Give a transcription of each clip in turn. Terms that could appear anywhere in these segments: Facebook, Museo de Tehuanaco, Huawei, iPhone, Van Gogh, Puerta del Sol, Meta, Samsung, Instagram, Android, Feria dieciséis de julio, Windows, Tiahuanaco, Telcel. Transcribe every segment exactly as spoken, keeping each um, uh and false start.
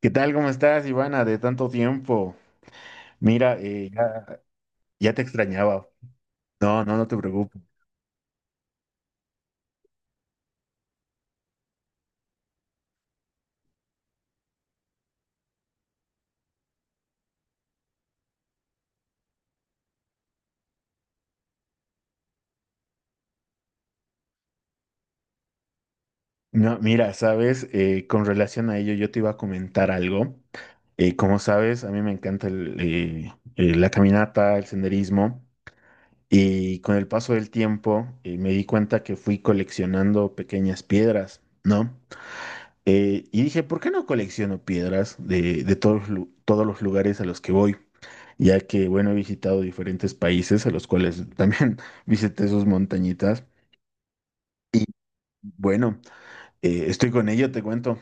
¿Qué tal? ¿Cómo estás, Ivana? De tanto tiempo. Mira, eh, ya, ya te extrañaba. No, no, no te preocupes. No, mira, sabes. Eh, con relación a ello, yo te iba a comentar algo. Eh, como sabes, a mí me encanta el, eh, eh, la caminata, el senderismo. Y con el paso del tiempo, eh, me di cuenta que fui coleccionando pequeñas piedras, ¿no? Eh, y dije, ¿por qué no colecciono piedras de, de todos, lu- todos los lugares a los que voy? Ya que, bueno, he visitado diferentes países a los cuales también visité sus montañitas. Y bueno, eh, estoy con ello, te cuento.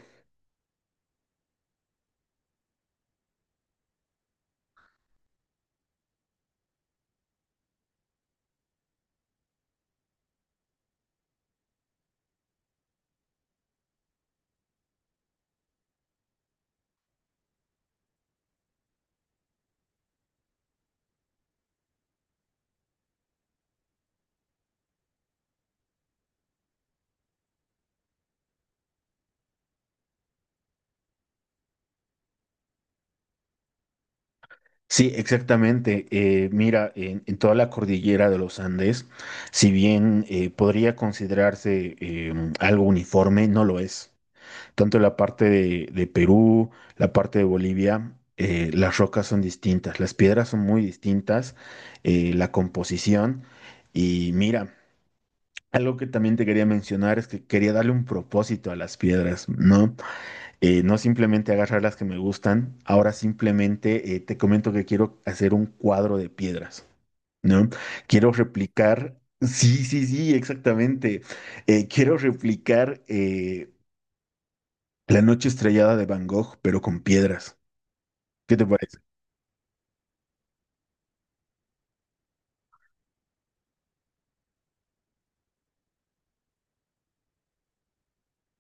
Sí, exactamente. Eh, mira, en, en toda la cordillera de los Andes, si bien eh, podría considerarse eh, algo uniforme, no lo es. Tanto la parte de, de Perú, la parte de Bolivia, eh, las rocas son distintas, las piedras son muy distintas, eh, la composición. Y mira, algo que también te quería mencionar es que quería darle un propósito a las piedras, ¿no? Eh, no simplemente agarrar las que me gustan, ahora simplemente eh, te comento que quiero hacer un cuadro de piedras, ¿no? Quiero replicar, sí, sí, sí, exactamente. Eh, quiero replicar eh, La noche estrellada de Van Gogh, pero con piedras. ¿Qué te parece?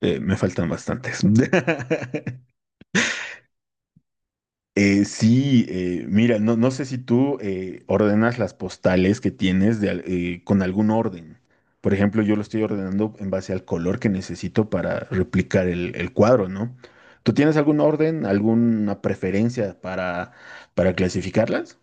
Eh, me faltan bastantes. Eh, sí, eh, mira, no, no sé si tú eh, ordenas las postales que tienes de al- eh, con algún orden. Por ejemplo, yo lo estoy ordenando en base al color que necesito para replicar el, el cuadro, ¿no? ¿Tú tienes algún orden, alguna preferencia para, para clasificarlas?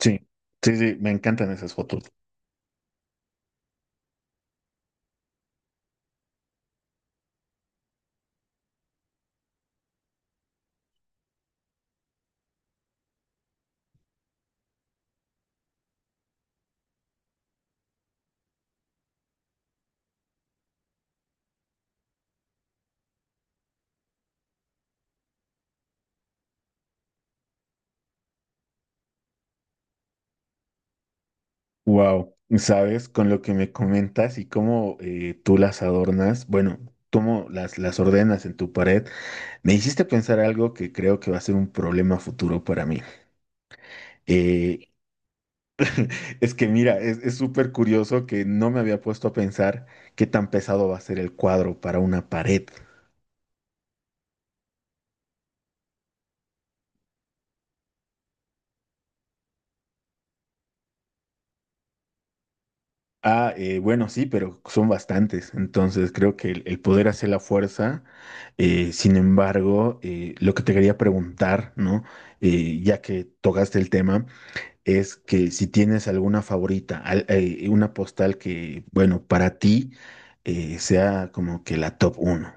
Sí, sí, sí, me encantan esas fotos. Wow, ¿sabes? Con lo que me comentas y cómo eh, tú las adornas, bueno, cómo las, las ordenas en tu pared. Me hiciste pensar algo que creo que va a ser un problema futuro para mí. Eh, es que mira, es, es súper curioso que no me había puesto a pensar qué tan pesado va a ser el cuadro para una pared. Ah, eh, bueno, sí, pero son bastantes. Entonces creo que el, el poder hacer la fuerza. Eh, sin embargo, eh, lo que te quería preguntar, ¿no? Eh, ya que tocaste el tema. Es que si tienes alguna favorita, al- eh, una postal que, bueno, para ti eh, sea como que la top uno.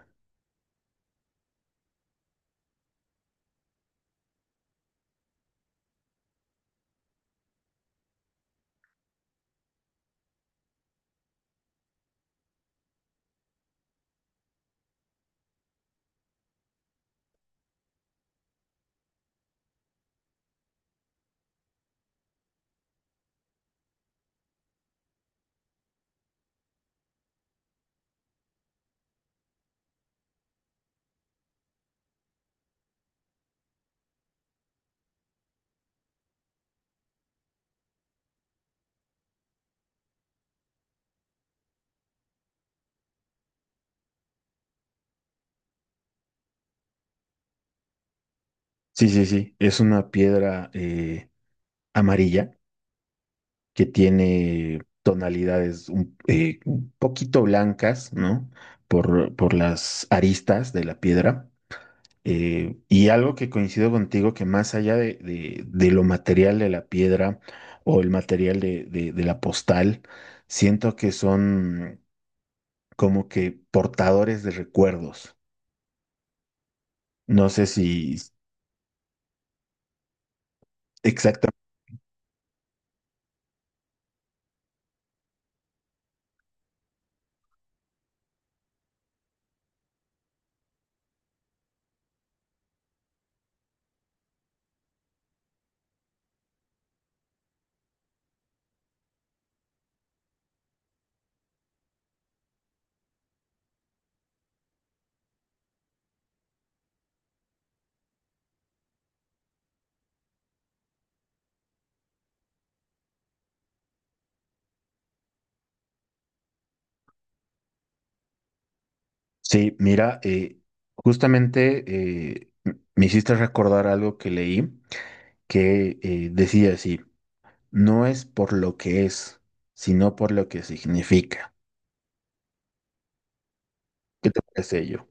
Sí, sí, sí, es una piedra eh, amarilla que tiene tonalidades un, eh, un poquito blancas, ¿no? Por, por las aristas de la piedra. Eh, y algo que coincido contigo, que más allá de, de- de lo material de la piedra o el material de, de de la postal, siento que son como que portadores de recuerdos. No sé si exactamente. Sí, mira, eh, justamente eh, me hiciste recordar algo que leí que eh, decía así, no es por lo que es, sino por lo que significa. ¿Qué te parece ello?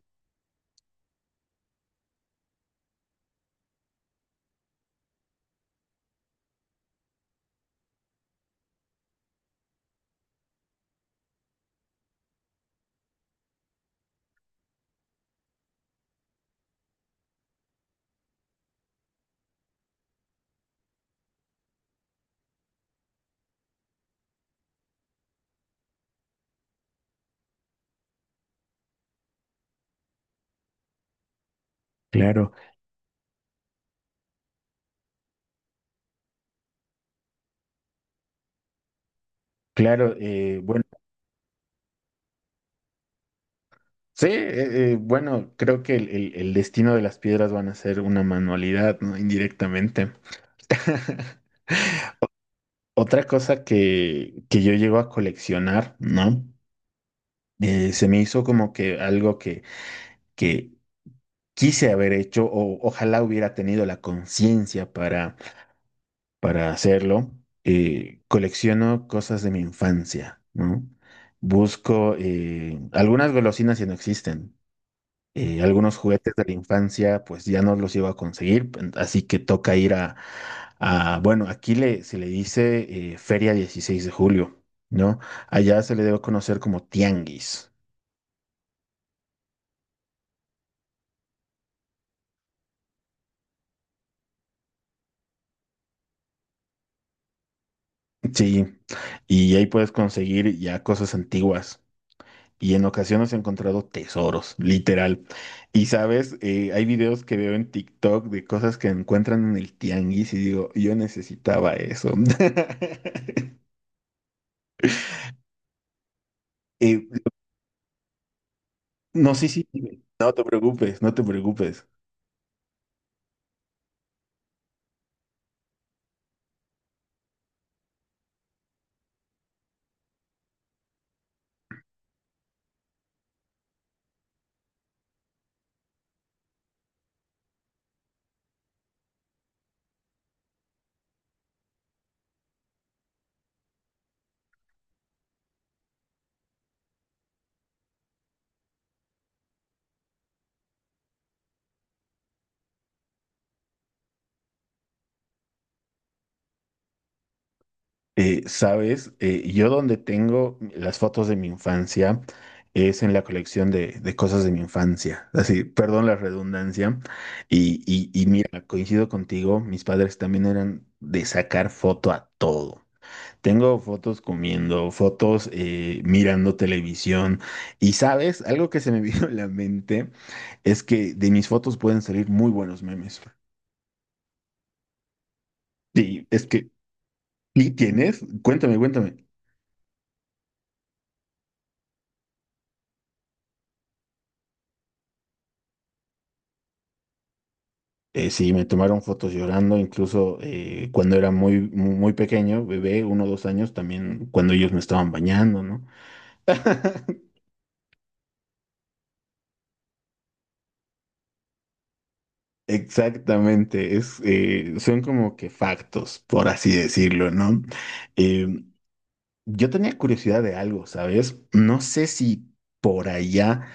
Claro, claro, eh, bueno, sí, eh, eh, bueno, creo que el, el- el destino de las piedras van a ser una manualidad, ¿no? Indirectamente. Otra cosa que, que yo llego a coleccionar, ¿no? Eh, se me hizo como que algo que, que quise haber hecho o ojalá hubiera tenido la conciencia para, para hacerlo. Eh, colecciono cosas de mi infancia, ¿no? Busco eh, algunas golosinas que no existen. Eh, algunos juguetes de la infancia, pues ya no los iba a conseguir, pen- así que toca ir a, a- bueno, aquí le, se le dice eh, Feria dieciséis de julio, ¿no? Allá se le debe conocer como tianguis, sí, y ahí puedes conseguir ya cosas antiguas. Y en ocasiones he encontrado tesoros, literal. Y sabes, Eh, hay videos que veo en TikTok de cosas que encuentran en el tianguis y digo, yo necesitaba eso. Eh, No, sí, sí, dime. No te preocupes, no te preocupes. Eh, sabes, Eh, yo donde tengo las fotos de mi infancia es en la colección de, de cosas de mi infancia. Así, perdón la redundancia. Y, y, y mira, coincido contigo, mis padres también eran de sacar foto a todo. Tengo fotos comiendo, fotos eh, mirando televisión. Y sabes, algo que se me vino a la mente es que de mis fotos pueden salir muy buenos memes. Sí, es que ¿y tienes? Cuéntame, cuéntame. Eh, sí, me tomaron fotos llorando, incluso eh, cuando era muy, muy, muy pequeño, bebé, uno o dos años, también cuando ellos me estaban bañando, ¿no? Exactamente, es, eh, son como que factos, por así decirlo, ¿no? Eh, yo tenía curiosidad de algo, ¿sabes? No sé si por allá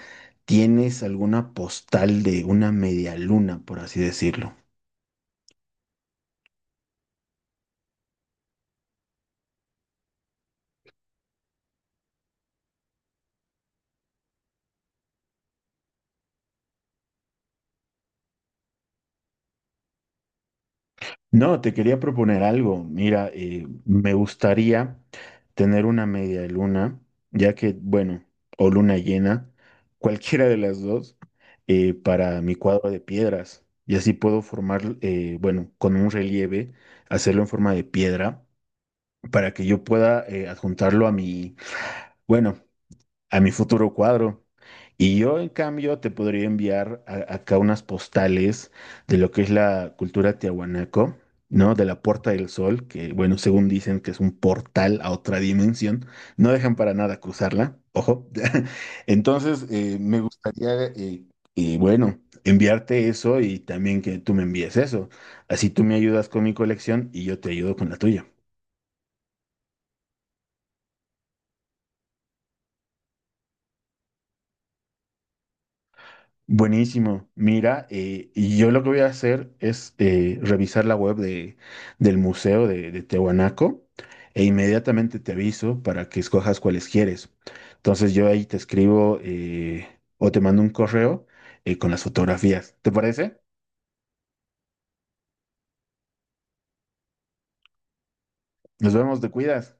tienes alguna postal de una media luna, por así decirlo. No, te quería proponer algo. Mira, eh, me gustaría tener una media luna, ya que, bueno, o luna llena, cualquiera de las dos, eh, para mi cuadro de piedras. Y así puedo formar, eh, bueno, con un relieve, hacerlo en forma de piedra, para que yo pueda eh, adjuntarlo a mi, bueno, a mi futuro cuadro. Y yo, en cambio, te podría enviar a- acá unas postales de lo que es la cultura tiahuanaco, ¿no? De la Puerta del Sol, que, bueno, según dicen que es un portal a otra dimensión, no dejan para nada cruzarla, ojo. Entonces, eh, me gustaría, eh, y bueno, enviarte eso y también que tú me envíes eso. Así tú me ayudas con mi colección y yo te ayudo con la tuya. Buenísimo. Mira, eh, y yo lo que voy a hacer es eh, revisar la web de, del Museo de, de Tehuanaco e inmediatamente te aviso para que escojas cuáles quieres. Entonces yo ahí te escribo eh, o te mando un correo eh, con las fotografías. ¿Te parece? Nos vemos, te cuidas.